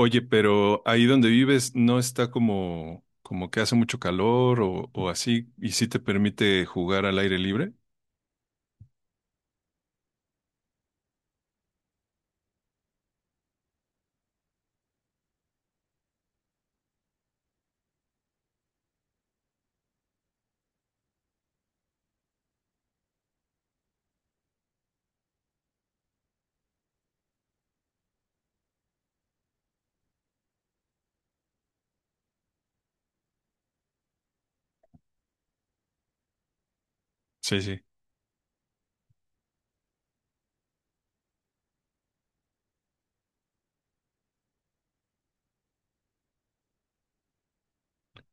Oye, pero ahí donde vives no está como, como que hace mucho calor o así, y sí te permite jugar al aire libre. Sí, sí,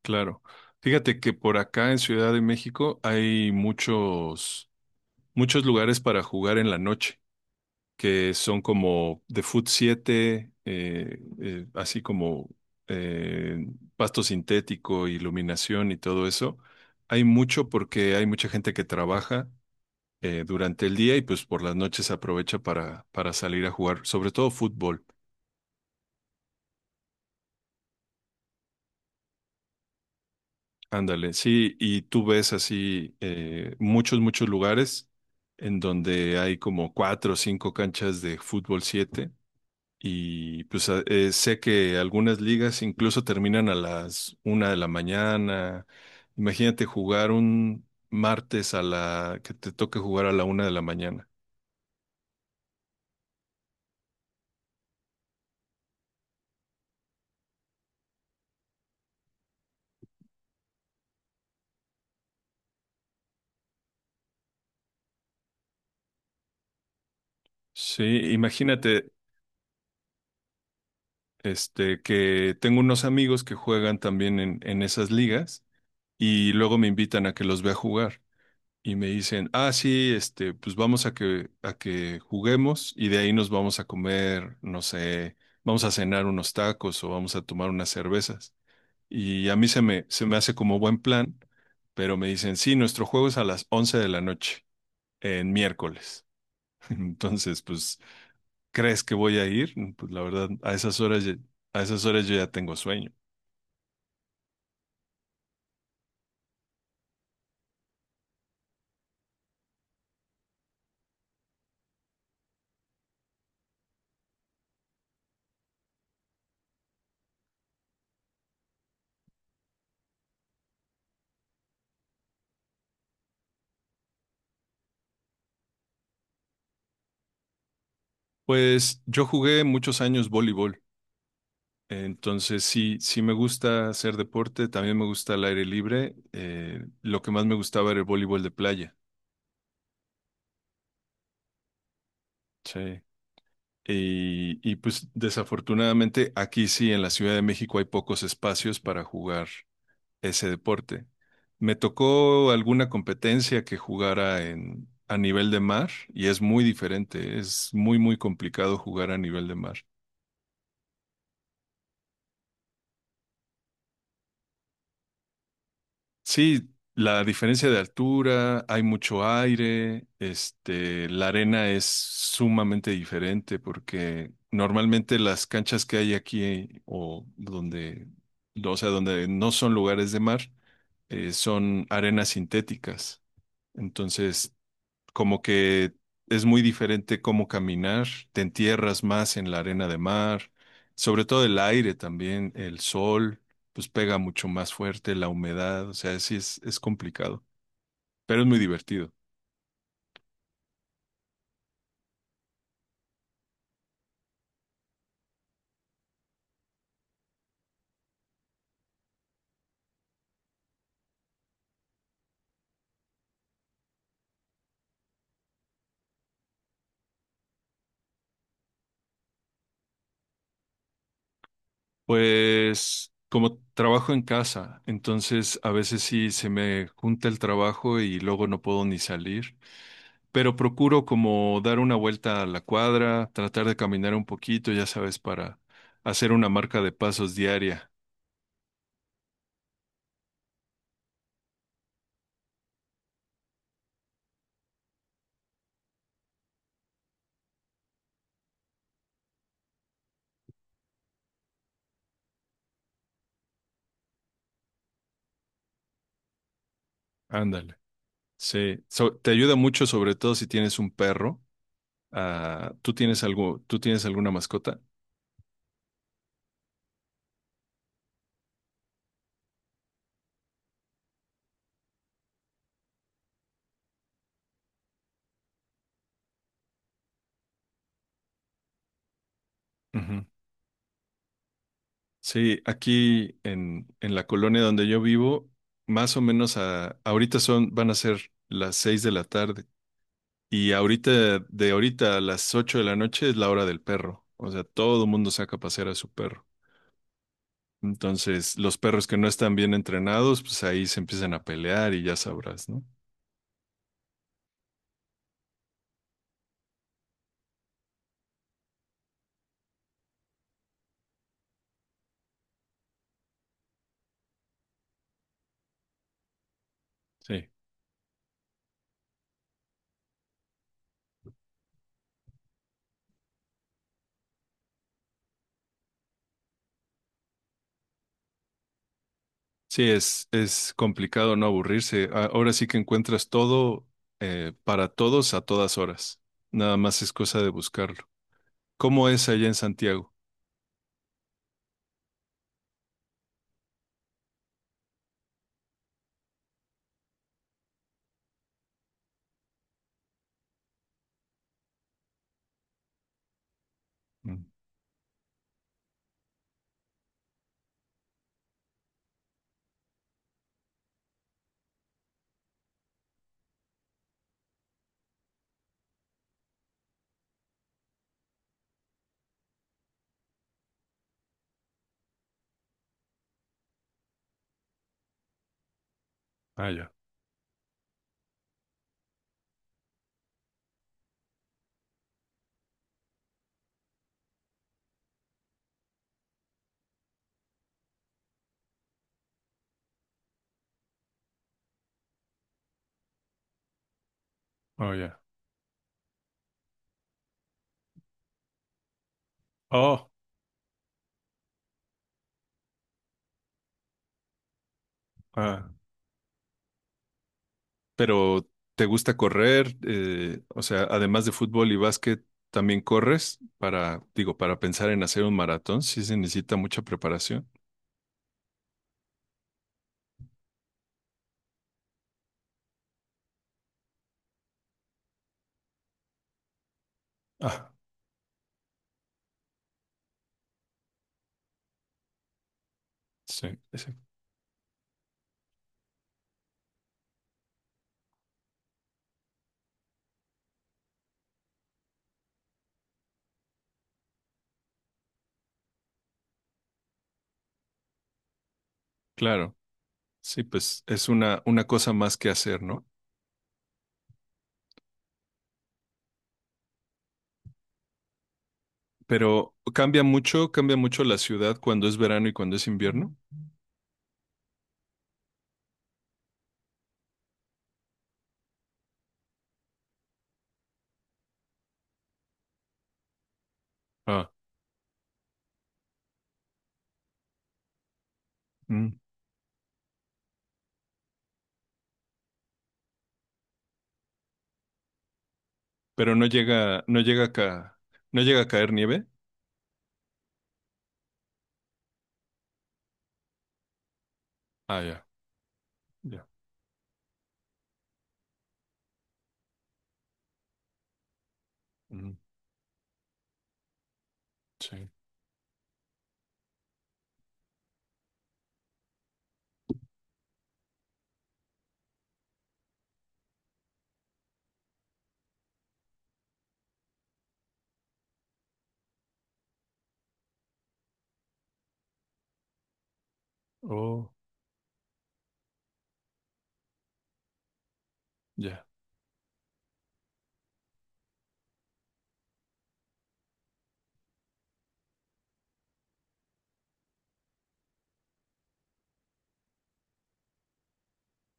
claro. Fíjate que por acá en Ciudad de México hay muchos, muchos lugares para jugar en la noche, que son como de Food 7, así como eh, pasto sintético, iluminación y todo eso. Hay mucho porque hay mucha gente que trabaja durante el día y pues por las noches aprovecha para salir a jugar, sobre todo fútbol. Ándale, sí, y tú ves así muchos, muchos lugares en donde hay como cuatro o cinco canchas de fútbol 7. Y pues sé que algunas ligas incluso terminan a las una de la mañana. Imagínate jugar un martes a la que te toque jugar a la una de la mañana. Sí, imagínate este que tengo unos amigos que juegan también en esas ligas y luego me invitan a que los vea jugar y me dicen, ah, sí, este, pues vamos a que juguemos y de ahí nos vamos a comer, no sé, vamos a cenar unos tacos o vamos a tomar unas cervezas. Y a mí se me hace como buen plan, pero me dicen, sí, nuestro juego es a las 11 de la noche, en miércoles. Entonces, pues, ¿crees que voy a ir? Mm, pues la verdad, a esas horas, a esas horas yo ya tengo sueño. Pues yo jugué muchos años voleibol, entonces sí, sí me gusta hacer deporte, también me gusta el aire libre. Lo que más me gustaba era el voleibol de playa. Sí. Y pues desafortunadamente aquí sí, en la Ciudad de México hay pocos espacios para jugar ese deporte. Me tocó alguna competencia que jugara en, a nivel de mar y es muy diferente, es muy, muy complicado jugar a nivel de mar. Sí, la diferencia de altura, hay mucho aire, este, la arena es sumamente diferente porque normalmente las canchas que hay aquí o donde, o sea, donde no son lugares de mar, son arenas sintéticas. Entonces como que es muy diferente cómo caminar, te entierras más en la arena de mar, sobre todo el aire también, el sol, pues pega mucho más fuerte, la humedad, o sea, sí es complicado, pero es muy divertido. Pues como trabajo en casa, entonces a veces sí se me junta el trabajo y luego no puedo ni salir. Pero procuro como dar una vuelta a la cuadra, tratar de caminar un poquito, ya sabes, para hacer una marca de pasos diaria. Ándale. Sí, te ayuda mucho, sobre todo si tienes un perro. Ah, ¿tú tienes algo, tú tienes alguna mascota? Ujú. Sí, aquí en la colonia donde yo vivo, más o menos a, ahorita son, van a ser las seis de la tarde. Y ahorita, de ahorita a las 8 de la noche es la hora del perro. O sea, todo el mundo saca a pasear a su perro. Entonces, los perros que no están bien entrenados, pues ahí se empiezan a pelear y ya sabrás, ¿no? Sí. Sí, es complicado no aburrirse. Ahora sí que encuentras todo para todos a todas horas. Nada más es cosa de buscarlo. ¿Cómo es allá en Santiago? Mm. Ah, ya. Oh, ya. Oh, ah. Pero, ¿te gusta correr? O sea, además de fútbol y básquet, ¿también corres? Para, digo, para pensar en hacer un maratón, sí se necesita mucha preparación. Ah, sí, sí, claro. Sí, pues es una cosa más que hacer, ¿no? Pero cambia mucho la ciudad cuando es verano y cuando es invierno. Ah, mm. Pero no llega, no llega no llega a caer nieve. Ah, ya, ya. Mm, sí. Oh, ya.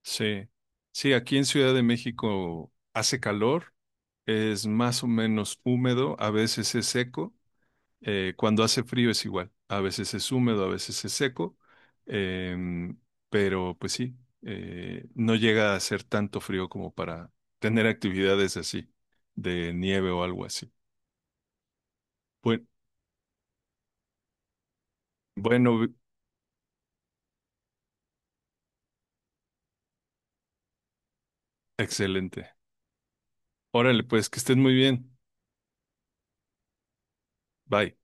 Sí, sí, aquí en Ciudad de México hace calor, es más o menos húmedo, a veces es seco, cuando hace frío es igual, a veces es húmedo, a veces es seco, em, pero pues sí, no llega a ser tanto frío como para tener actividades así, de nieve o algo así. Buen- Bueno, excelente. Órale, pues que estés muy bien. Bye.